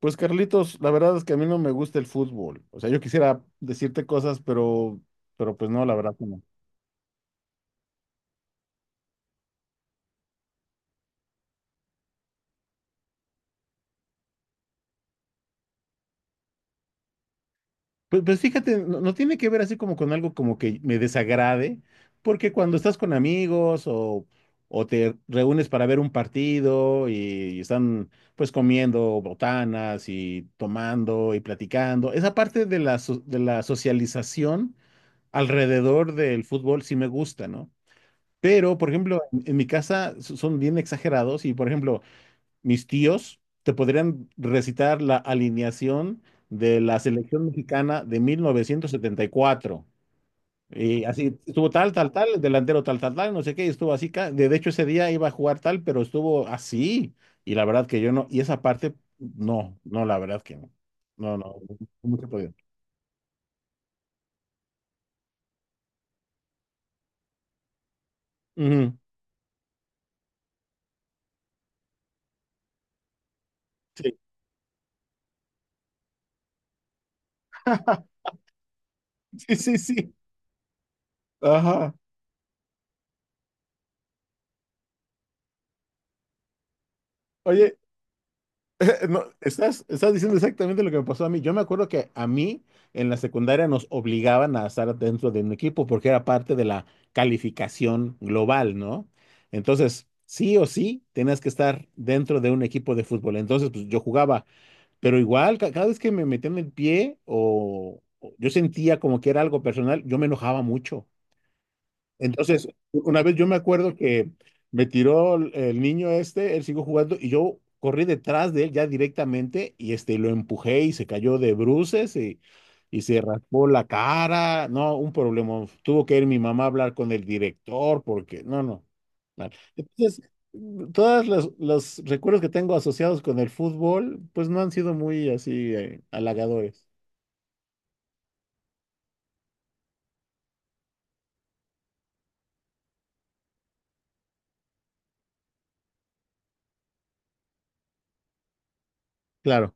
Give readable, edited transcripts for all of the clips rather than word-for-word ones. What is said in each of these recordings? Pues Carlitos, la verdad es que a mí no me gusta el fútbol. O sea, yo quisiera decirte cosas, pero pues no, la verdad que no. Pues, fíjate, no tiene que ver así como con algo como que me desagrade, porque cuando estás con amigos o te reúnes para ver un partido y, están pues comiendo botanas y tomando y platicando, esa parte de la, de la socialización alrededor del fútbol sí me gusta, ¿no? Pero, por ejemplo, en mi casa son bien exagerados y, por ejemplo, mis tíos te podrían recitar la alineación de la selección mexicana de 1974. Y cuatro. Y así estuvo tal, tal, tal, el delantero tal, tal, tal, no sé qué, y estuvo así. De hecho, ese día iba a jugar tal, pero estuvo así. Y la verdad que yo no, y esa parte, no, no, la verdad que no. No, no, no no se podía. Ujú, sí. Sí, sí, sí. Ajá. Oye, no, estás, estás diciendo exactamente lo que me pasó a mí. Yo me acuerdo que a mí en la secundaria nos obligaban a estar dentro de un equipo porque era parte de la calificación global, ¿no? Entonces, sí o sí, tenías que estar dentro de un equipo de fútbol. Entonces, pues yo jugaba, pero igual, cada vez que me metían el pie o yo sentía como que era algo personal, yo me enojaba mucho. Entonces, una vez yo me acuerdo que me tiró el niño este, él siguió jugando y yo corrí detrás de él ya directamente y este lo empujé y se cayó de bruces y se raspó la cara. No, un problema. Tuvo que ir mi mamá a hablar con el director porque, no, no. Mal. Entonces, todos los recuerdos que tengo asociados con el fútbol, pues no han sido muy así halagadores. Claro.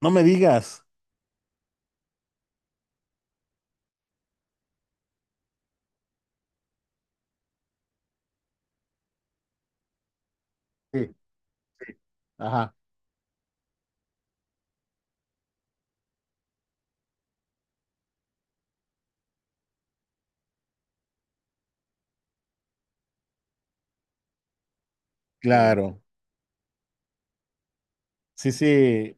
No me digas. Sí. Ajá. Sí. Claro. Sí, sí.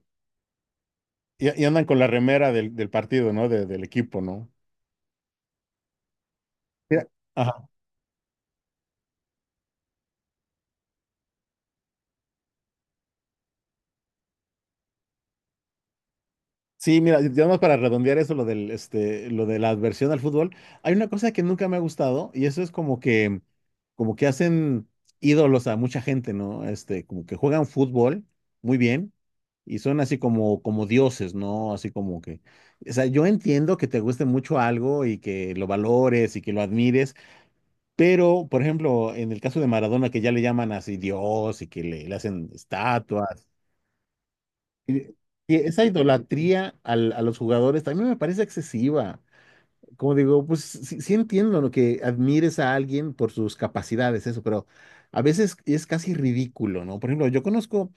Y andan con la remera del, del partido, ¿no? De- del equipo, ¿no? Mira, ajá. Sí, mira, ya más para redondear eso, lo del, este, lo de la adversión al fútbol, hay una cosa que nunca me ha gustado y eso es como que hacen ídolos a mucha gente, ¿no? Este, como que juegan fútbol muy bien y son así como, como dioses, ¿no? Así como que, o sea, yo entiendo que te guste mucho algo y que lo valores y que lo admires. Pero, por ejemplo, en el caso de Maradona, que ya le llaman así Dios y que le hacen estatuas, y esa idolatría a los jugadores también me parece excesiva. Como digo, pues sí, sí entiendo lo que admires a alguien por sus capacidades, eso, pero a veces es casi ridículo, ¿no? Por ejemplo, yo conozco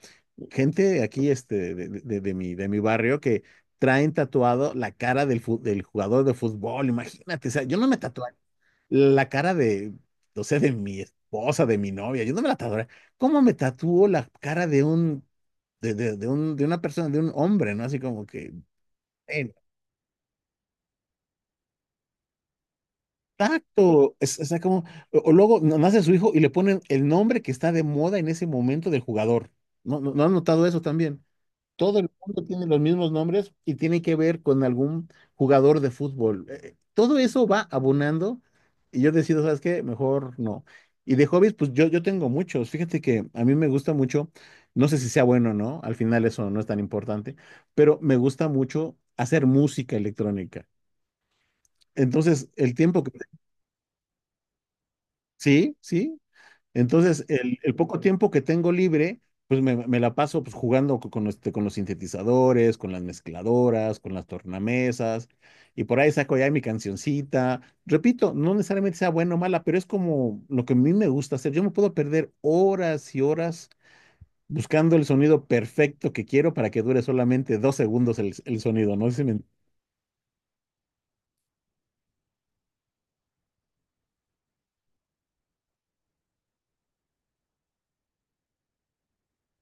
gente aquí este, de, de mi barrio que traen tatuado la cara del, del jugador de fútbol, imagínate, o sea, yo no me tatuaría la cara de, o sea, de mi esposa, de mi novia, yo no me la tatué. ¿Cómo me tatuó la cara de un, de un, de una persona, de un hombre, ¿no? Así como que, el tacto, es, o sea, como, o luego nace su hijo y le ponen el nombre que está de moda en ese momento del jugador. ¿No, no, no han notado eso también? Todo el mundo tiene los mismos nombres y tiene que ver con algún jugador de fútbol. Todo eso va abonando y yo decido, ¿sabes qué? Mejor no. Y de hobbies, pues yo tengo muchos. Fíjate que a mí me gusta mucho, no sé si sea bueno o no, al final eso no es tan importante, pero me gusta mucho hacer música electrónica. Entonces, el tiempo que... Sí, sí, entonces, el poco tiempo que tengo libre, pues me la paso pues, jugando con, este, con los sintetizadores, con las mezcladoras, con las tornamesas, y por ahí saco ya mi cancioncita. Repito, no necesariamente sea buena o mala, pero es como lo que a mí me gusta hacer. Yo me puedo perder horas y horas buscando el sonido perfecto que quiero para que dure solamente dos segundos el sonido, ¿no? Si me-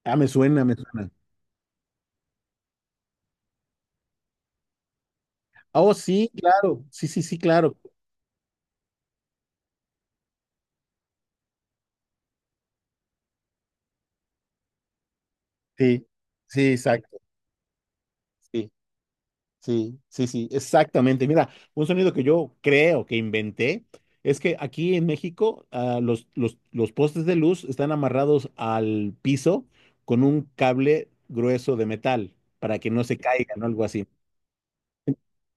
ah, me suena, me suena. Ah, oh, sí, claro, sí, sí, sí, claro. Sí, sí, exacto. Sí. Sí, sí, sí, exactamente. Mira, un sonido que yo creo que inventé es que aquí en México los postes de luz están amarrados al piso con un cable grueso de metal para que no se caigan o algo así.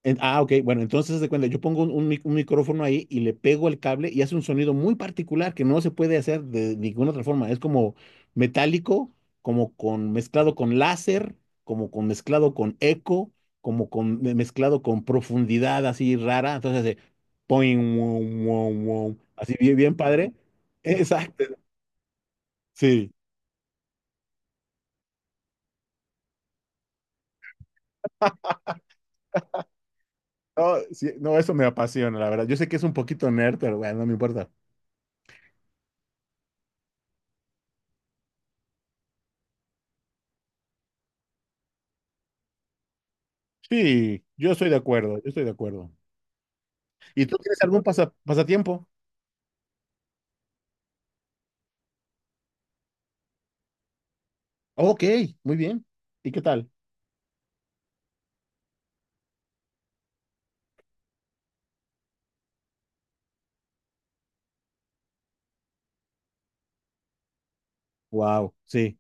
Ok, bueno, entonces haz de cuenta, yo pongo un, un micrófono ahí y le pego el cable y hace un sonido muy particular que no se puede hacer de ninguna otra forma. Es como metálico, como con mezclado con láser, como con mezclado con eco, como con mezclado con profundidad así rara. Entonces hace poing, wow, wow, wow, así bien, bien padre. Exacto. Sí. No, sí, no, eso me apasiona, la verdad. Yo sé que es un poquito nerd, pero bueno, no me importa. Sí, yo estoy de acuerdo, yo estoy de acuerdo. ¿Y tú tienes algún pasatiempo? Ok, muy bien. ¿Y qué tal? Wow, sí,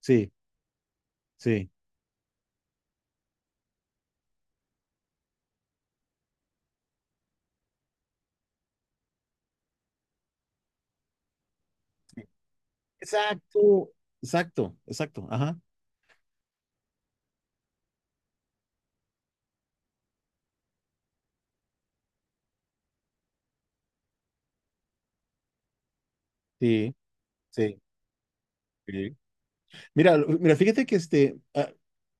sí, sí. Exacto, exacto, exacto. Ajá, sí, sí. Sí. Mira, mira, fíjate que este,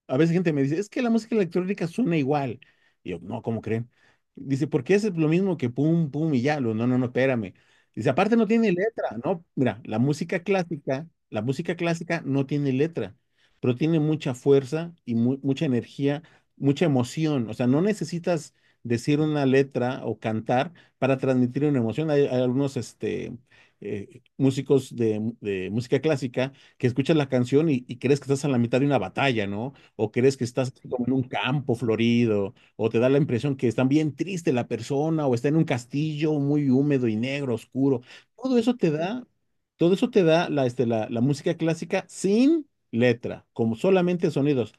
a veces gente me dice, es que la música electrónica suena igual. Y yo, no, ¿cómo creen? Dice, porque es lo mismo que pum, pum y ya. Lo, no, no, no, espérame. Dice, aparte no tiene letra, ¿no? Mira, la música clásica no tiene letra, pero tiene mucha fuerza y mucha energía, mucha emoción. O sea, no necesitas decir una letra o cantar para transmitir una emoción. Hay algunos, este, músicos de música clásica que escuchas la canción y crees que estás a la mitad de una batalla, ¿no? O crees que estás así como en un campo florido, o te da la impresión que está bien triste la persona, o está en un castillo muy húmedo y negro, oscuro. Todo eso te da, todo eso te da la, este, la música clásica sin letra, como solamente sonidos.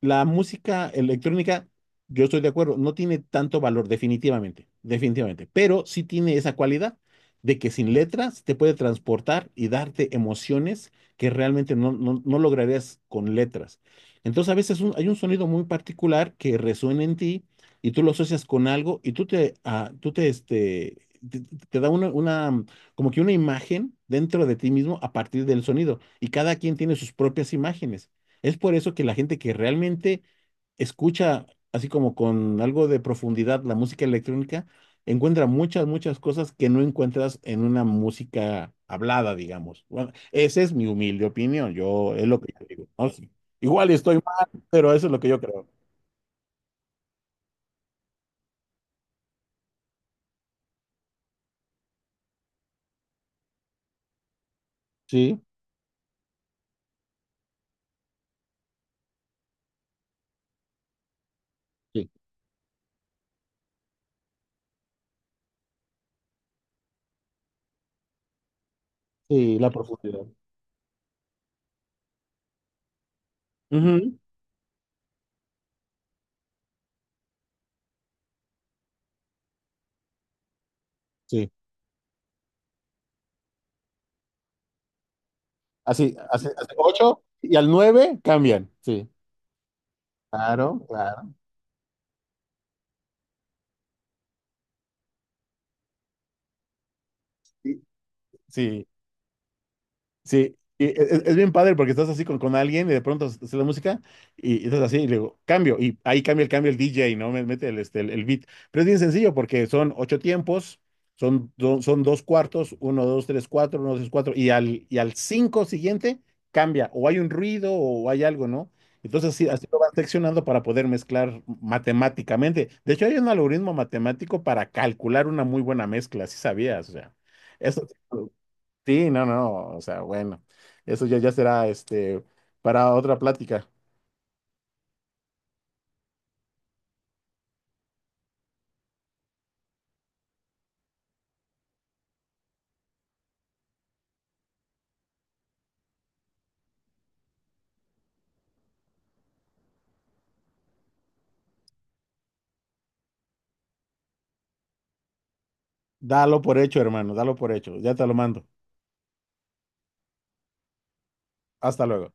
La música electrónica, yo estoy de acuerdo, no tiene tanto valor, definitivamente, definitivamente, pero sí tiene esa cualidad de que sin letras te puede transportar y darte emociones que realmente no, no, no lograrías con letras. Entonces a veces hay un sonido muy particular que resuena en ti y tú lo asocias con algo y tú te, ah, tú te, este, te da una, como que una imagen dentro de ti mismo a partir del sonido y cada quien tiene sus propias imágenes. Es por eso que la gente que realmente escucha así como con algo de profundidad la música electrónica, encuentra muchas, muchas cosas que no encuentras en una música hablada, digamos. Bueno, esa es mi humilde opinión, yo es lo que yo digo, ¿no? Sí. Igual estoy mal, pero eso es lo que yo creo. Sí, sí, sí, la profundidad. Ujú, sí, así, así, así, ocho y al nueve cambian, sí. Claro, claro. Sí, sí. Sí, y es, bien padre porque estás así con alguien y de pronto hace la música y estás así y le digo, cambio, y ahí cambia el cambio el DJ, ¿no? Me- Mete el, este, el beat. Pero es bien sencillo porque son ocho tiempos, son, son dos cuartos, uno, dos, tres, cuatro, uno, dos, tres, cuatro, y al cinco siguiente cambia, o hay un ruido o hay algo, ¿no? Entonces sí, así lo vas seccionando para poder mezclar matemáticamente. De hecho, hay un algoritmo matemático para calcular una muy buena mezcla, si sabías, o sea, eso sí, no, no, o sea, bueno, eso ya, ya será este para otra plática. Dalo por hecho, hermano, dalo por hecho. Ya te lo mando. Hasta luego.